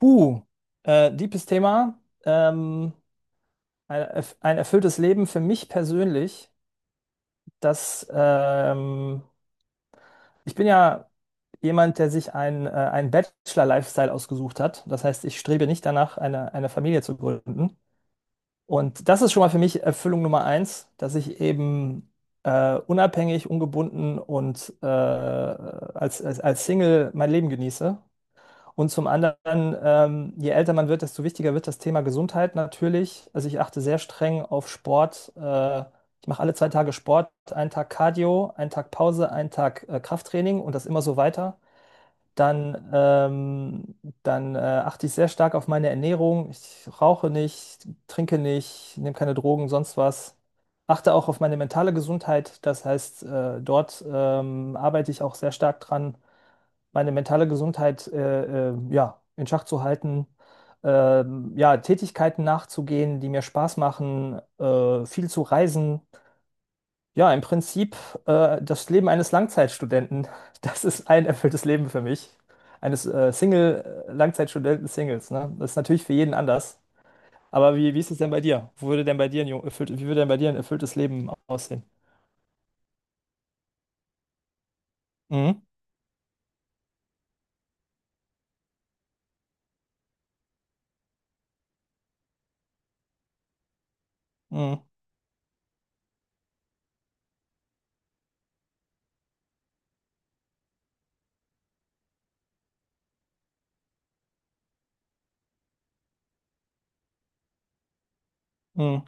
Huh, deepes Thema. Ähm, ein erfülltes Leben für mich persönlich. Das, ähm, Ich bin ja jemand, der sich ein Bachelor-Lifestyle ausgesucht hat. Das heißt, ich strebe nicht danach, eine Familie zu gründen. Und das ist schon mal für mich Erfüllung Nummer eins, dass ich eben unabhängig, ungebunden und als Single mein Leben genieße. Und zum anderen, je älter man wird, desto wichtiger wird das Thema Gesundheit natürlich. Also ich achte sehr streng auf Sport. Ich mache alle zwei Tage Sport, einen Tag Cardio, einen Tag Pause, einen Tag Krafttraining und das immer so weiter. Dann, ähm, dann achte ich sehr stark auf meine Ernährung. Ich rauche nicht, trinke nicht, nehme keine Drogen, sonst was. Achte auch auf meine mentale Gesundheit. Das heißt, dort arbeite ich auch sehr stark dran, meine mentale Gesundheit ja, in Schach zu halten, ja, Tätigkeiten nachzugehen, die mir Spaß machen, viel zu reisen. Ja, im Prinzip das Leben eines Langzeitstudenten, das ist ein erfülltes Leben für mich. Eines Single-Langzeitstudenten-Singles, ne? Das ist natürlich für jeden anders. Aber wie ist es denn bei dir? Wo würde denn bei dir ein jung- erfüllt, wie würde denn bei dir ein erfülltes Leben aussehen? Mhm. Mhm. Mhm.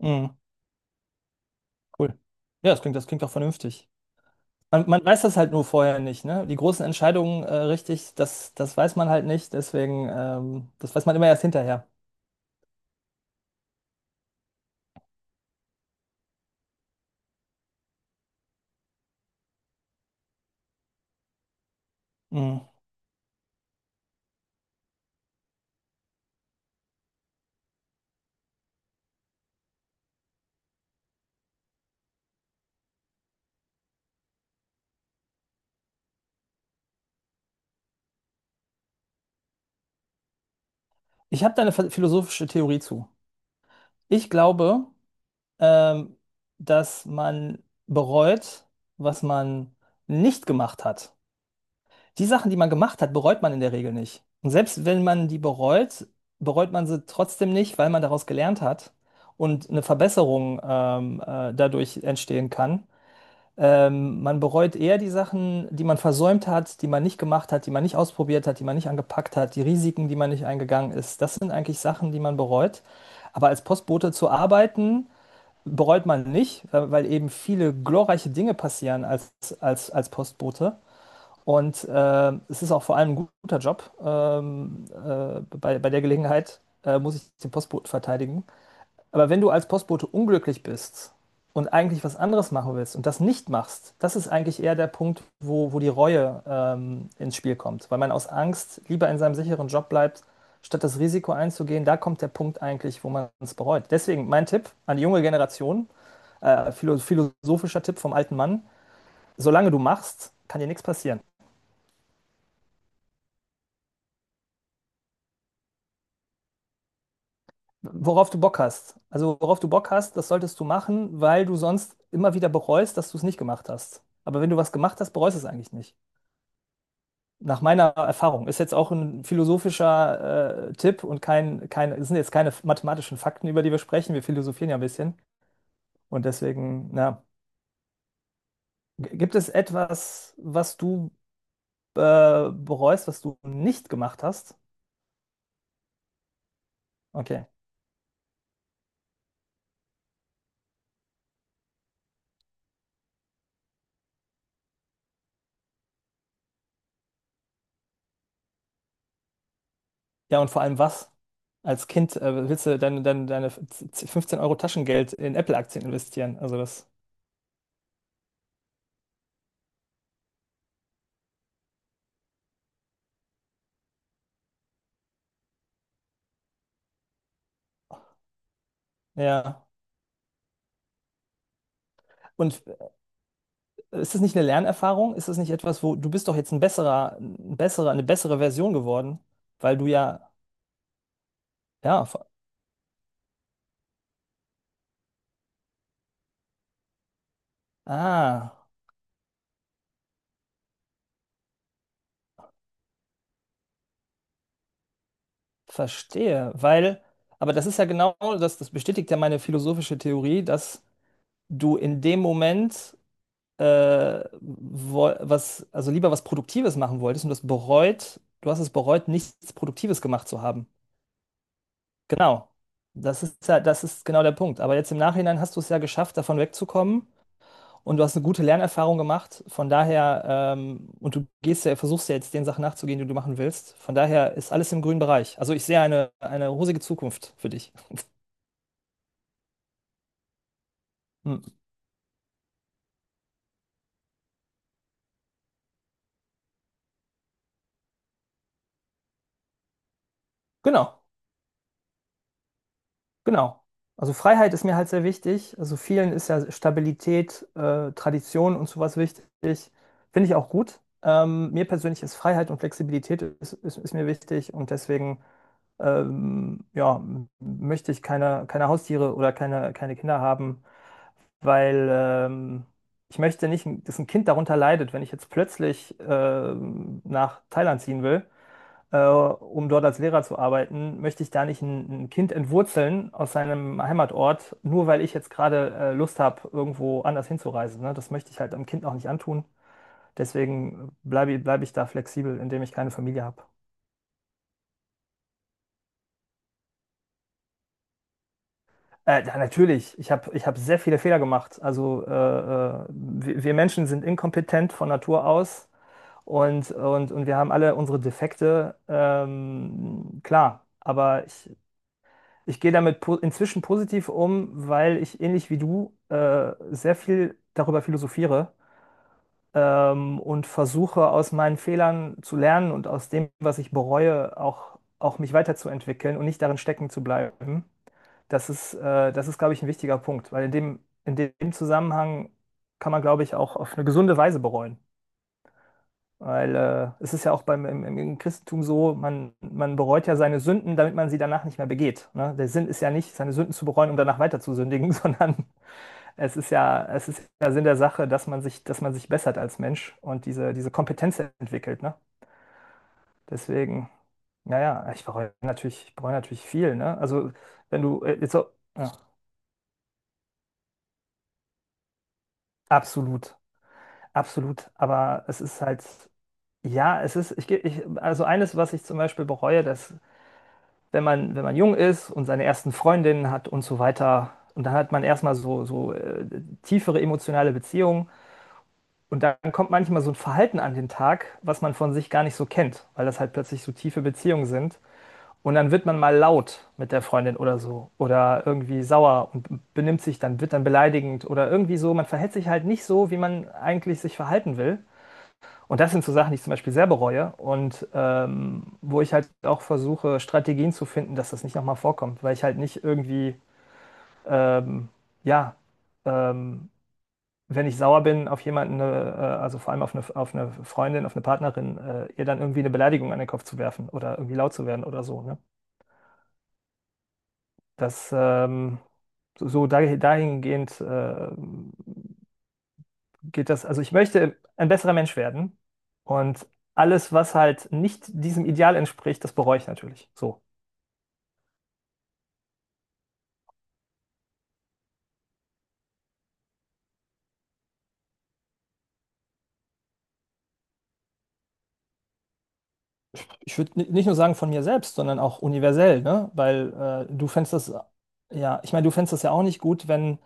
Mhm. Cool. Ja, das klingt auch vernünftig. Man weiß das halt nur vorher nicht, ne? Die großen Entscheidungen richtig, das weiß man halt nicht, deswegen, das weiß man immer erst hinterher. Mhm. Ich habe da eine philosophische Theorie zu. Ich glaube, ähm, dass man bereut, was man nicht gemacht hat. Die Sachen, die man gemacht hat, bereut man in der Regel nicht. Und selbst wenn man die bereut, bereut man sie trotzdem nicht, weil man daraus gelernt hat und eine Verbesserung dadurch entstehen kann. Man bereut eher die Sachen, die man versäumt hat, die man nicht gemacht hat, die man nicht ausprobiert hat, die man nicht angepackt hat, die Risiken, die man nicht eingegangen ist. Das sind eigentlich Sachen, die man bereut. Aber als Postbote zu arbeiten, bereut man nicht, weil eben viele glorreiche Dinge passieren als Postbote. Und es ist auch vor allem ein guter Job. Bei, bei der Gelegenheit muss ich den Postboten verteidigen. Aber wenn du als Postbote unglücklich bist und eigentlich was anderes machen willst und das nicht machst, das ist eigentlich eher der Punkt, wo die Reue ins Spiel kommt, weil man aus Angst lieber in seinem sicheren Job bleibt, statt das Risiko einzugehen. Da kommt der Punkt eigentlich, wo man es bereut. Deswegen mein Tipp an die junge Generation, philosophischer Tipp vom alten Mann, solange du machst, kann dir nichts passieren. Worauf du Bock hast. Also worauf du Bock hast, das solltest du machen, weil du sonst immer wieder bereust, dass du es nicht gemacht hast. Aber wenn du was gemacht hast, bereust du es eigentlich nicht. Nach meiner Erfahrung, ist jetzt auch ein philosophischer Tipp und kein, kein, es sind jetzt keine mathematischen Fakten, über die wir sprechen. Wir philosophieren ja ein bisschen. Und deswegen, na, gibt es etwas, was du bereust, was du nicht gemacht hast? Okay. Ja, und vor allem was? Als Kind willst du deine 15 Euro Taschengeld in Apple-Aktien investieren. Also das, ja. Und ist das nicht eine Lernerfahrung? Ist das nicht etwas, wo du bist doch jetzt ein besserer, eine bessere Version geworden? Weil du ja Ja, ver- ah, verstehe. Weil, aber das ist ja genau das, das bestätigt ja meine philosophische Theorie, dass du in dem Moment also lieber was Produktives machen wolltest und das bereut, du hast es bereut, nichts Produktives gemacht zu haben. Genau. Das ist ja, das ist genau der Punkt. Aber jetzt im Nachhinein hast du es ja geschafft, davon wegzukommen. Und du hast eine gute Lernerfahrung gemacht, von daher, und du gehst ja, versuchst ja jetzt den Sachen nachzugehen, die du machen willst. Von daher ist alles im grünen Bereich. Also ich sehe eine rosige Zukunft für dich. Hm. Genau. Genau. Also Freiheit ist mir halt sehr wichtig. Also vielen ist ja Stabilität, Tradition und sowas wichtig. Finde ich auch gut. Mir persönlich ist Freiheit und Flexibilität ist mir wichtig und deswegen ja, möchte ich keine Haustiere oder keine Kinder haben, weil ich möchte nicht, dass ein Kind darunter leidet, wenn ich jetzt plötzlich nach Thailand ziehen will, um dort als Lehrer zu arbeiten, möchte ich da nicht ein Kind entwurzeln aus seinem Heimatort, nur weil ich jetzt gerade Lust habe, irgendwo anders hinzureisen. Ne? Das möchte ich halt einem Kind auch nicht antun. Deswegen bleibe ich da flexibel, indem ich keine Familie habe. Ja, natürlich, ich hab sehr viele Fehler gemacht. Also wir Menschen sind inkompetent von Natur aus und, und wir haben alle unsere Defekte, klar. Ich gehe damit po inzwischen positiv um, weil ich ähnlich wie du sehr viel darüber philosophiere, und versuche aus meinen Fehlern zu lernen und aus dem, was ich bereue, auch mich weiterzuentwickeln und nicht darin stecken zu bleiben. Das ist, glaube ich, ein wichtiger Punkt, weil in dem Zusammenhang kann man, glaube ich, auch auf eine gesunde Weise bereuen. Weil es ist ja auch beim, im Christentum so, man bereut ja seine Sünden, damit man sie danach nicht mehr begeht. Ne? Der Sinn ist ja nicht, seine Sünden zu bereuen, um danach weiter zu sündigen, sondern es ist ja Sinn der Sache, dass man sich bessert als Mensch und diese Kompetenz entwickelt. Ne? Deswegen, naja, ich bereue natürlich viel. Ne? Also, wenn du jetzt so, ja, absolut, absolut. Aber es ist halt, ja, es ist, also eines, was ich zum Beispiel bereue, dass wenn man jung ist und seine ersten Freundinnen hat und so weiter. Und dann hat man erstmal so tiefere emotionale Beziehungen. Und dann kommt manchmal so ein Verhalten an den Tag, was man von sich gar nicht so kennt, weil das halt plötzlich so tiefe Beziehungen sind. Und dann wird man mal laut mit der Freundin oder so. Oder irgendwie sauer und benimmt sich dann, wird dann beleidigend oder irgendwie so. Man verhält sich halt nicht so, wie man eigentlich sich verhalten will. Und das sind so Sachen, die ich zum Beispiel sehr bereue und wo ich halt auch versuche, Strategien zu finden, dass das nicht nochmal vorkommt, weil ich halt nicht irgendwie, ähm, ja, ähm, wenn ich sauer bin auf jemanden, also vor allem auf eine Freundin, auf eine Partnerin, ihr dann irgendwie eine Beleidigung an den Kopf zu werfen oder irgendwie laut zu werden oder so. Ne? Das dahingehend geht das, also ich möchte ein besserer Mensch werden und alles, was halt nicht diesem Ideal entspricht, das bereue ich natürlich. So. Ich würde nicht nur sagen von mir selbst, sondern auch universell, ne? Weil ja, ich meine, du fändest das ja auch nicht gut,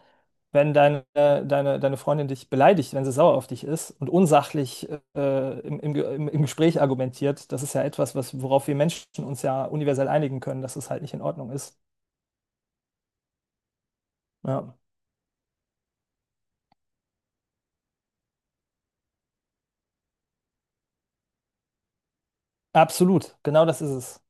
wenn deine Freundin dich beleidigt, wenn sie sauer auf dich ist und unsachlich im Gespräch argumentiert. Das ist ja etwas, was, worauf wir Menschen uns ja universell einigen können, dass es halt nicht in Ordnung ist. Ja. Absolut, genau das ist es.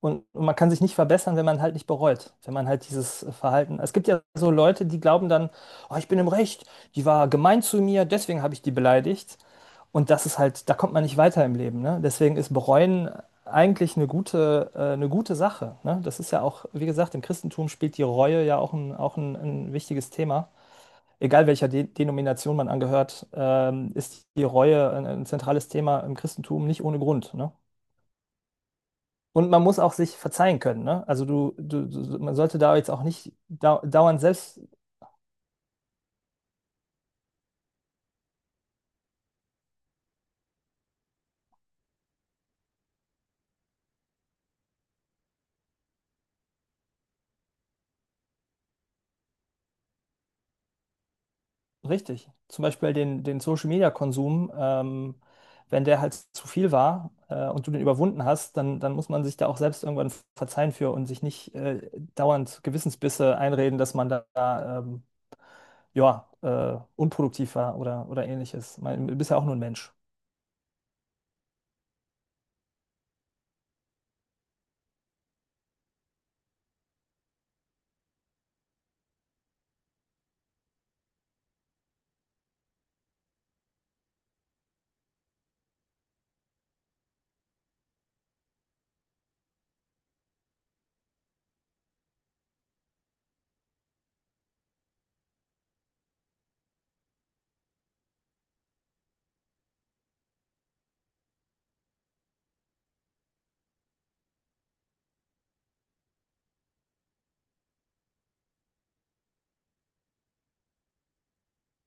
Und man kann sich nicht verbessern, wenn man halt nicht bereut, wenn man halt dieses Verhalten. Es gibt ja so Leute, die glauben dann, oh, ich bin im Recht, die war gemein zu mir, deswegen habe ich die beleidigt. Und das ist halt, da kommt man nicht weiter im Leben, ne? Deswegen ist Bereuen eigentlich eine gute Sache, ne? Das ist ja auch, wie gesagt, im Christentum spielt die Reue ja ein wichtiges Thema. Egal welcher De Denomination man angehört, ist die Reue ein zentrales Thema im Christentum nicht ohne Grund, ne? Und man muss auch sich verzeihen können, ne? Also so, man sollte da jetzt auch nicht dauernd selbst richtig. Zum Beispiel den Social Media Konsum, wenn der halt zu viel war und du den überwunden hast, dann muss man sich da auch selbst irgendwann verzeihen für und sich nicht dauernd Gewissensbisse einreden, dass man da, ähm, ja, unproduktiv war oder ähnliches. Man, du bist ja auch nur ein Mensch.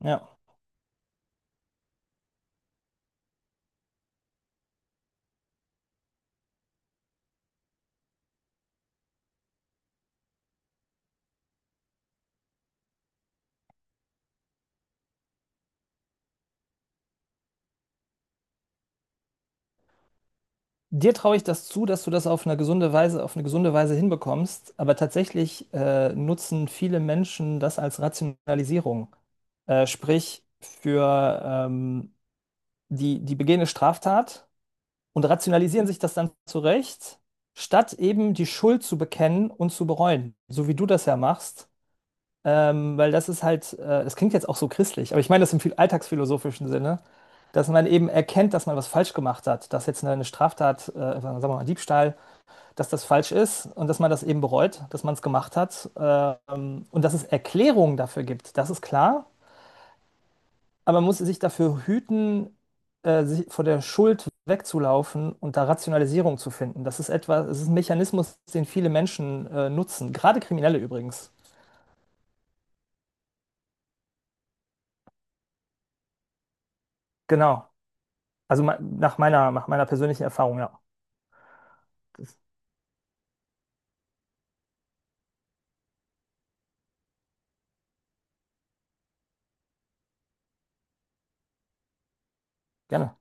Ja. Dir traue ich das zu, dass du das auf eine gesunde Weise, auf eine gesunde Weise hinbekommst, aber tatsächlich nutzen viele Menschen das als Rationalisierung. Sprich, für die, die begehene Straftat und rationalisieren sich das dann zurecht, statt eben die Schuld zu bekennen und zu bereuen, so wie du das ja machst. Weil das ist halt, das klingt jetzt auch so christlich, aber ich meine das im viel alltagsphilosophischen Sinne, dass man eben erkennt, dass man was falsch gemacht hat, dass jetzt eine Straftat, sagen wir mal Diebstahl, dass das falsch ist und dass man das eben bereut, dass man es gemacht hat, und dass es Erklärungen dafür gibt, das ist klar, aber man muss sich dafür hüten, sich vor der Schuld wegzulaufen und da Rationalisierung zu finden. Das ist etwas, es ist ein Mechanismus, den viele Menschen nutzen, gerade Kriminelle übrigens. Genau. Also nach meiner persönlichen Erfahrung, ja. Das, gerne.